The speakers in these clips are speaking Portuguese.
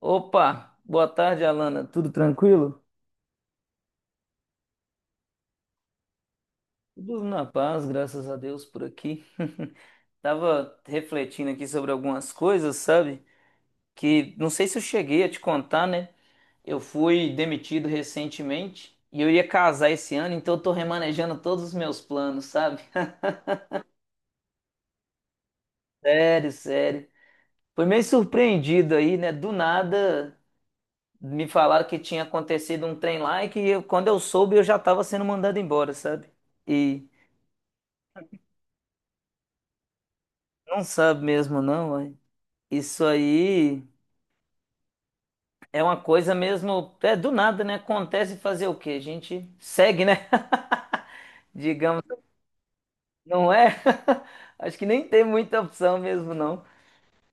Opa, boa tarde, Alana. Tudo tranquilo? Tudo na paz, graças a Deus por aqui. Tava refletindo aqui sobre algumas coisas, sabe? Que não sei se eu cheguei a te contar, né? Eu fui demitido recentemente e eu ia casar esse ano, então eu tô remanejando todos os meus planos, sabe? Sério, sério. Foi meio surpreendido aí, né? Do nada me falaram que tinha acontecido um trem lá e que quando eu soube eu já tava sendo mandado embora, sabe? E. Não sabe mesmo, não, ué. Isso aí é uma coisa mesmo. É do nada, né? Acontece fazer o quê? A gente segue, né? Digamos, não é? Acho que nem tem muita opção mesmo, não.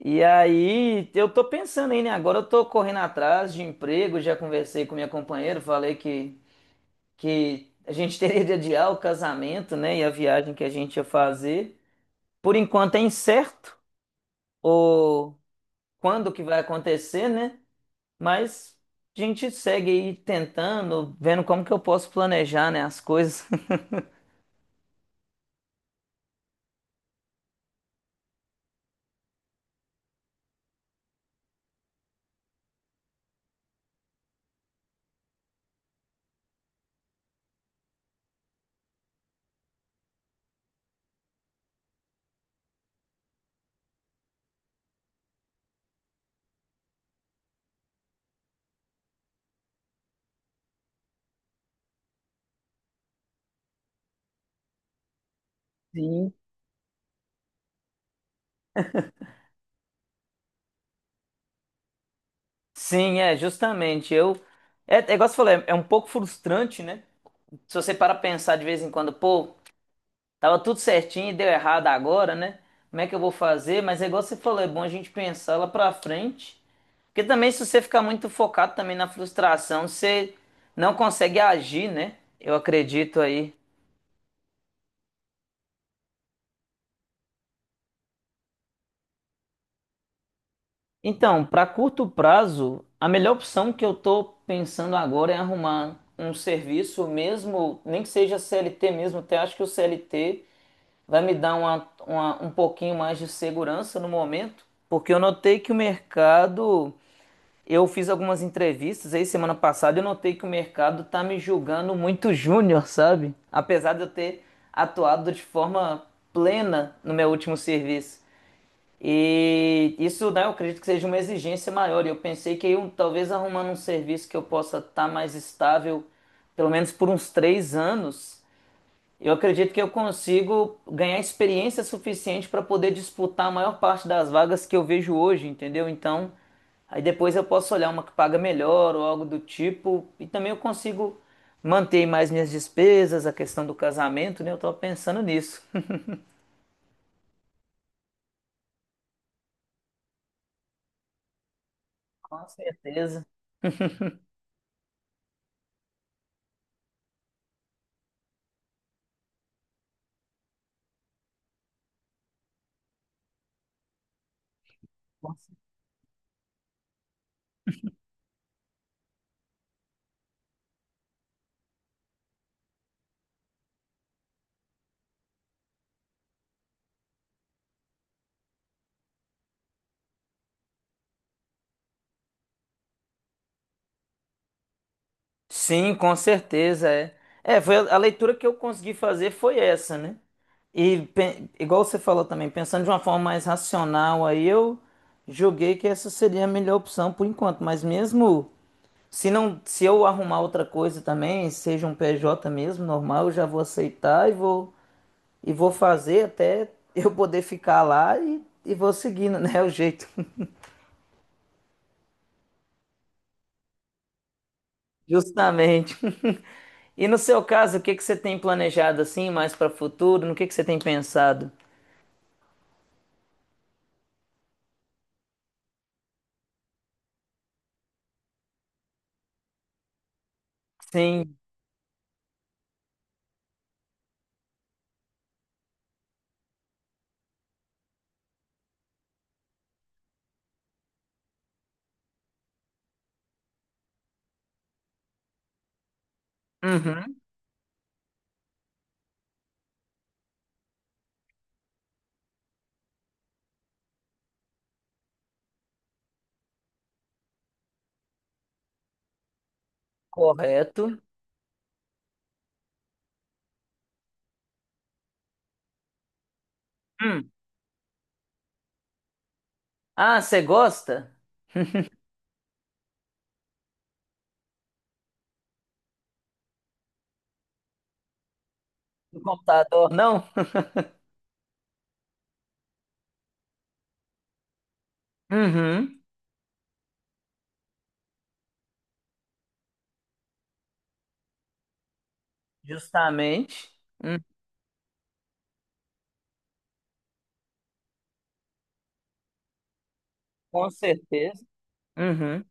E aí, eu tô pensando aí, né? Agora eu tô correndo atrás de emprego, já conversei com minha companheira, falei que a gente teria de adiar o casamento, né? E a viagem que a gente ia fazer. Por enquanto é incerto o quando que vai acontecer, né? Mas a gente segue aí tentando, vendo como que eu posso planejar, né, as coisas. Sim. Sim, é, justamente. Eu. É igual você falou, é um pouco frustrante, né? Se você para pensar de vez em quando, pô, tava tudo certinho e deu errado agora, né? Como é que eu vou fazer? Mas é igual você falou, é bom a gente pensar lá pra frente. Porque também, se você ficar muito focado também na frustração, você não consegue agir, né? Eu acredito aí. Então, para curto prazo, a melhor opção que eu estou pensando agora é arrumar um serviço mesmo, nem que seja CLT mesmo, até acho que o CLT vai me dar uma, um pouquinho mais de segurança no momento, porque eu notei que o mercado, eu fiz algumas entrevistas aí semana passada, eu notei que o mercado tá me julgando muito júnior, sabe? Apesar de eu ter atuado de forma plena no meu último serviço. E isso, né, eu acredito que seja uma exigência maior. E eu pensei que eu, talvez arrumando um serviço que eu possa estar mais estável, pelo menos por uns 3 anos, eu acredito que eu consigo ganhar experiência suficiente para poder disputar a maior parte das vagas que eu vejo hoje, entendeu? Então, aí depois eu posso olhar uma que paga melhor ou algo do tipo. E também eu consigo manter mais minhas despesas, a questão do casamento, né? Eu estava pensando nisso. Com certeza. Sim, com certeza é. É, foi a leitura que eu consegui fazer foi essa, né? E igual você falou também, pensando de uma forma mais racional, aí eu julguei que essa seria a melhor opção por enquanto, mas mesmo se não, se eu arrumar outra coisa também, seja um PJ mesmo, normal, eu já vou aceitar e vou fazer até eu poder ficar lá e vou seguindo, né, o jeito. Justamente. E no seu caso, o que que você tem planejado assim, mais para o futuro? No que você tem pensado? Sim. Uhum. Correto. Hum. Ah, você gosta do computador, não? Uhum. Justamente. Hum, Com certeza. Uhum.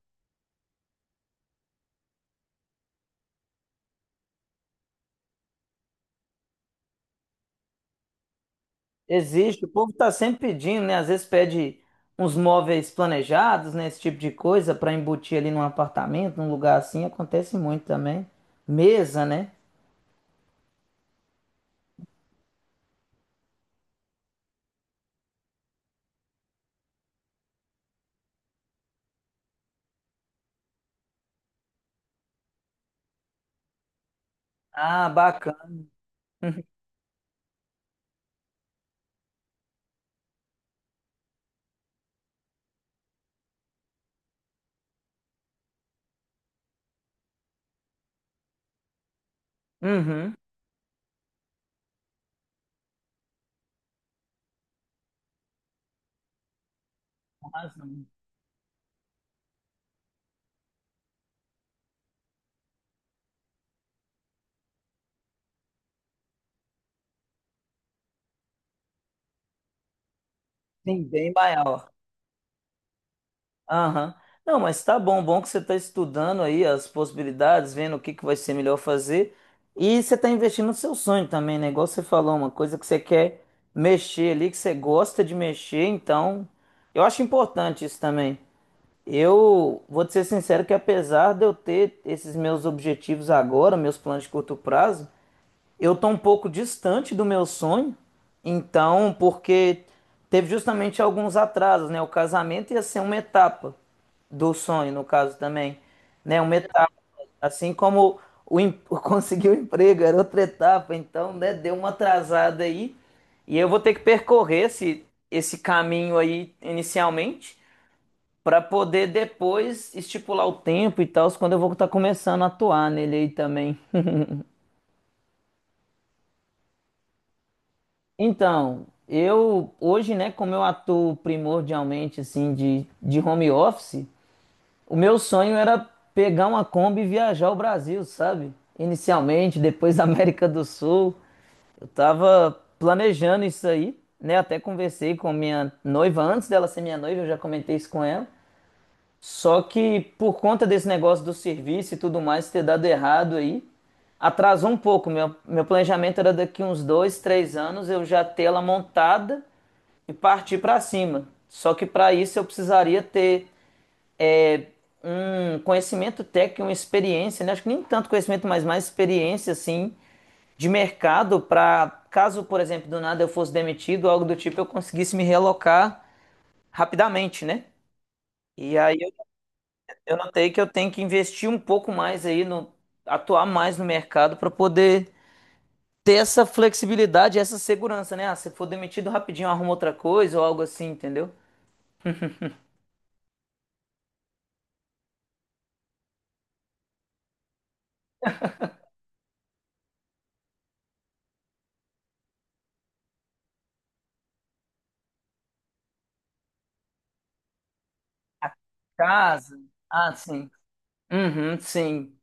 Existe. O povo está sempre pedindo, né? Às vezes pede uns móveis planejados, né? Esse tipo de coisa para embutir ali num apartamento, num lugar assim. Acontece muito também. Mesa, né? Ah, bacana. Uhum. Com razão. Sim, bem maior. Aham. Não, mas tá bom, bom que você está estudando aí as possibilidades, vendo o que que vai ser melhor fazer. E você está investindo no seu sonho também, né? Igual você falou, uma coisa que você quer mexer ali, que você gosta de mexer, então eu acho importante isso também. Eu vou te ser sincero que apesar de eu ter esses meus objetivos agora, meus planos de curto prazo, eu tô um pouco distante do meu sonho, então, porque teve justamente alguns atrasos, né? O casamento ia ser uma etapa do sonho, no caso também, né? Uma etapa, assim como o em- conseguir o emprego era outra etapa, então, né? Deu uma atrasada aí e eu vou ter que percorrer esse caminho aí inicialmente para poder depois estipular o tempo e tal, quando eu vou estar começando a atuar nele aí também. Então, eu hoje, né, como eu atuo primordialmente assim de home office, o meu sonho era pegar uma Kombi e viajar o Brasil, sabe? Inicialmente, depois da América do Sul. Eu tava planejando isso aí, né? Até conversei com minha noiva antes dela ser minha noiva, eu já comentei isso com ela. Só que por conta desse negócio do serviço e tudo mais ter dado errado aí, atrasou um pouco. Meu planejamento era daqui uns 2, 3 anos eu já ter ela montada e partir para cima. Só que para isso eu precisaria ter é, um conhecimento técnico, uma experiência, né? Acho que nem tanto conhecimento, mas mais experiência, assim, de mercado para caso, por exemplo, do nada eu fosse demitido, algo do tipo, eu conseguisse me realocar rapidamente, né? E aí eu notei que eu tenho que investir um pouco mais aí no, atuar mais no mercado para poder ter essa flexibilidade, essa segurança, né? Ah, se for demitido rapidinho, arruma outra coisa ou algo assim, entendeu? Casa. Ah, sim. Uhum, sim.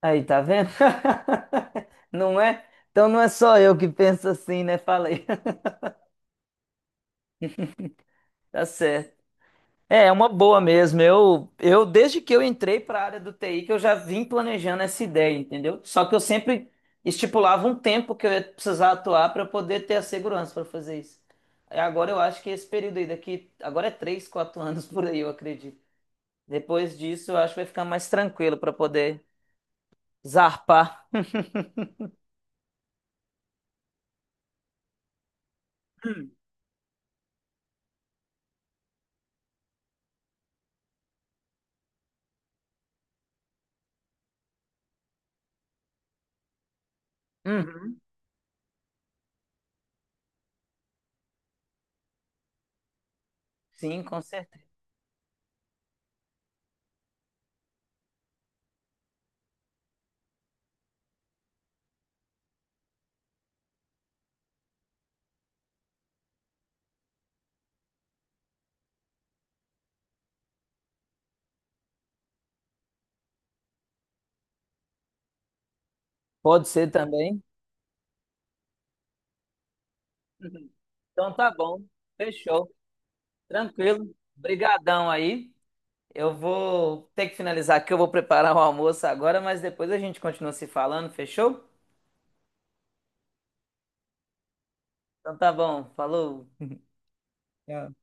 Aí, tá vendo? Não é? Então não é só eu que penso assim, né? Falei. Tá certo. É uma boa mesmo. Eu desde que eu entrei para a área do TI que eu já vim planejando essa ideia, entendeu? Só que eu sempre estipulava um tempo que eu ia precisar atuar para poder ter a segurança para fazer isso. E agora eu acho que esse período aí daqui, agora é 3, 4 anos por aí, eu acredito. Depois disso, eu acho que vai ficar mais tranquilo para poder zarpar. Uhum. Sim, com certeza. Pode ser também. Uhum. Então tá bom, fechou, tranquilo. Brigadão aí. Eu vou ter que finalizar aqui, eu vou preparar o almoço agora, mas depois a gente continua se falando, fechou? Então tá bom, falou. Tchau.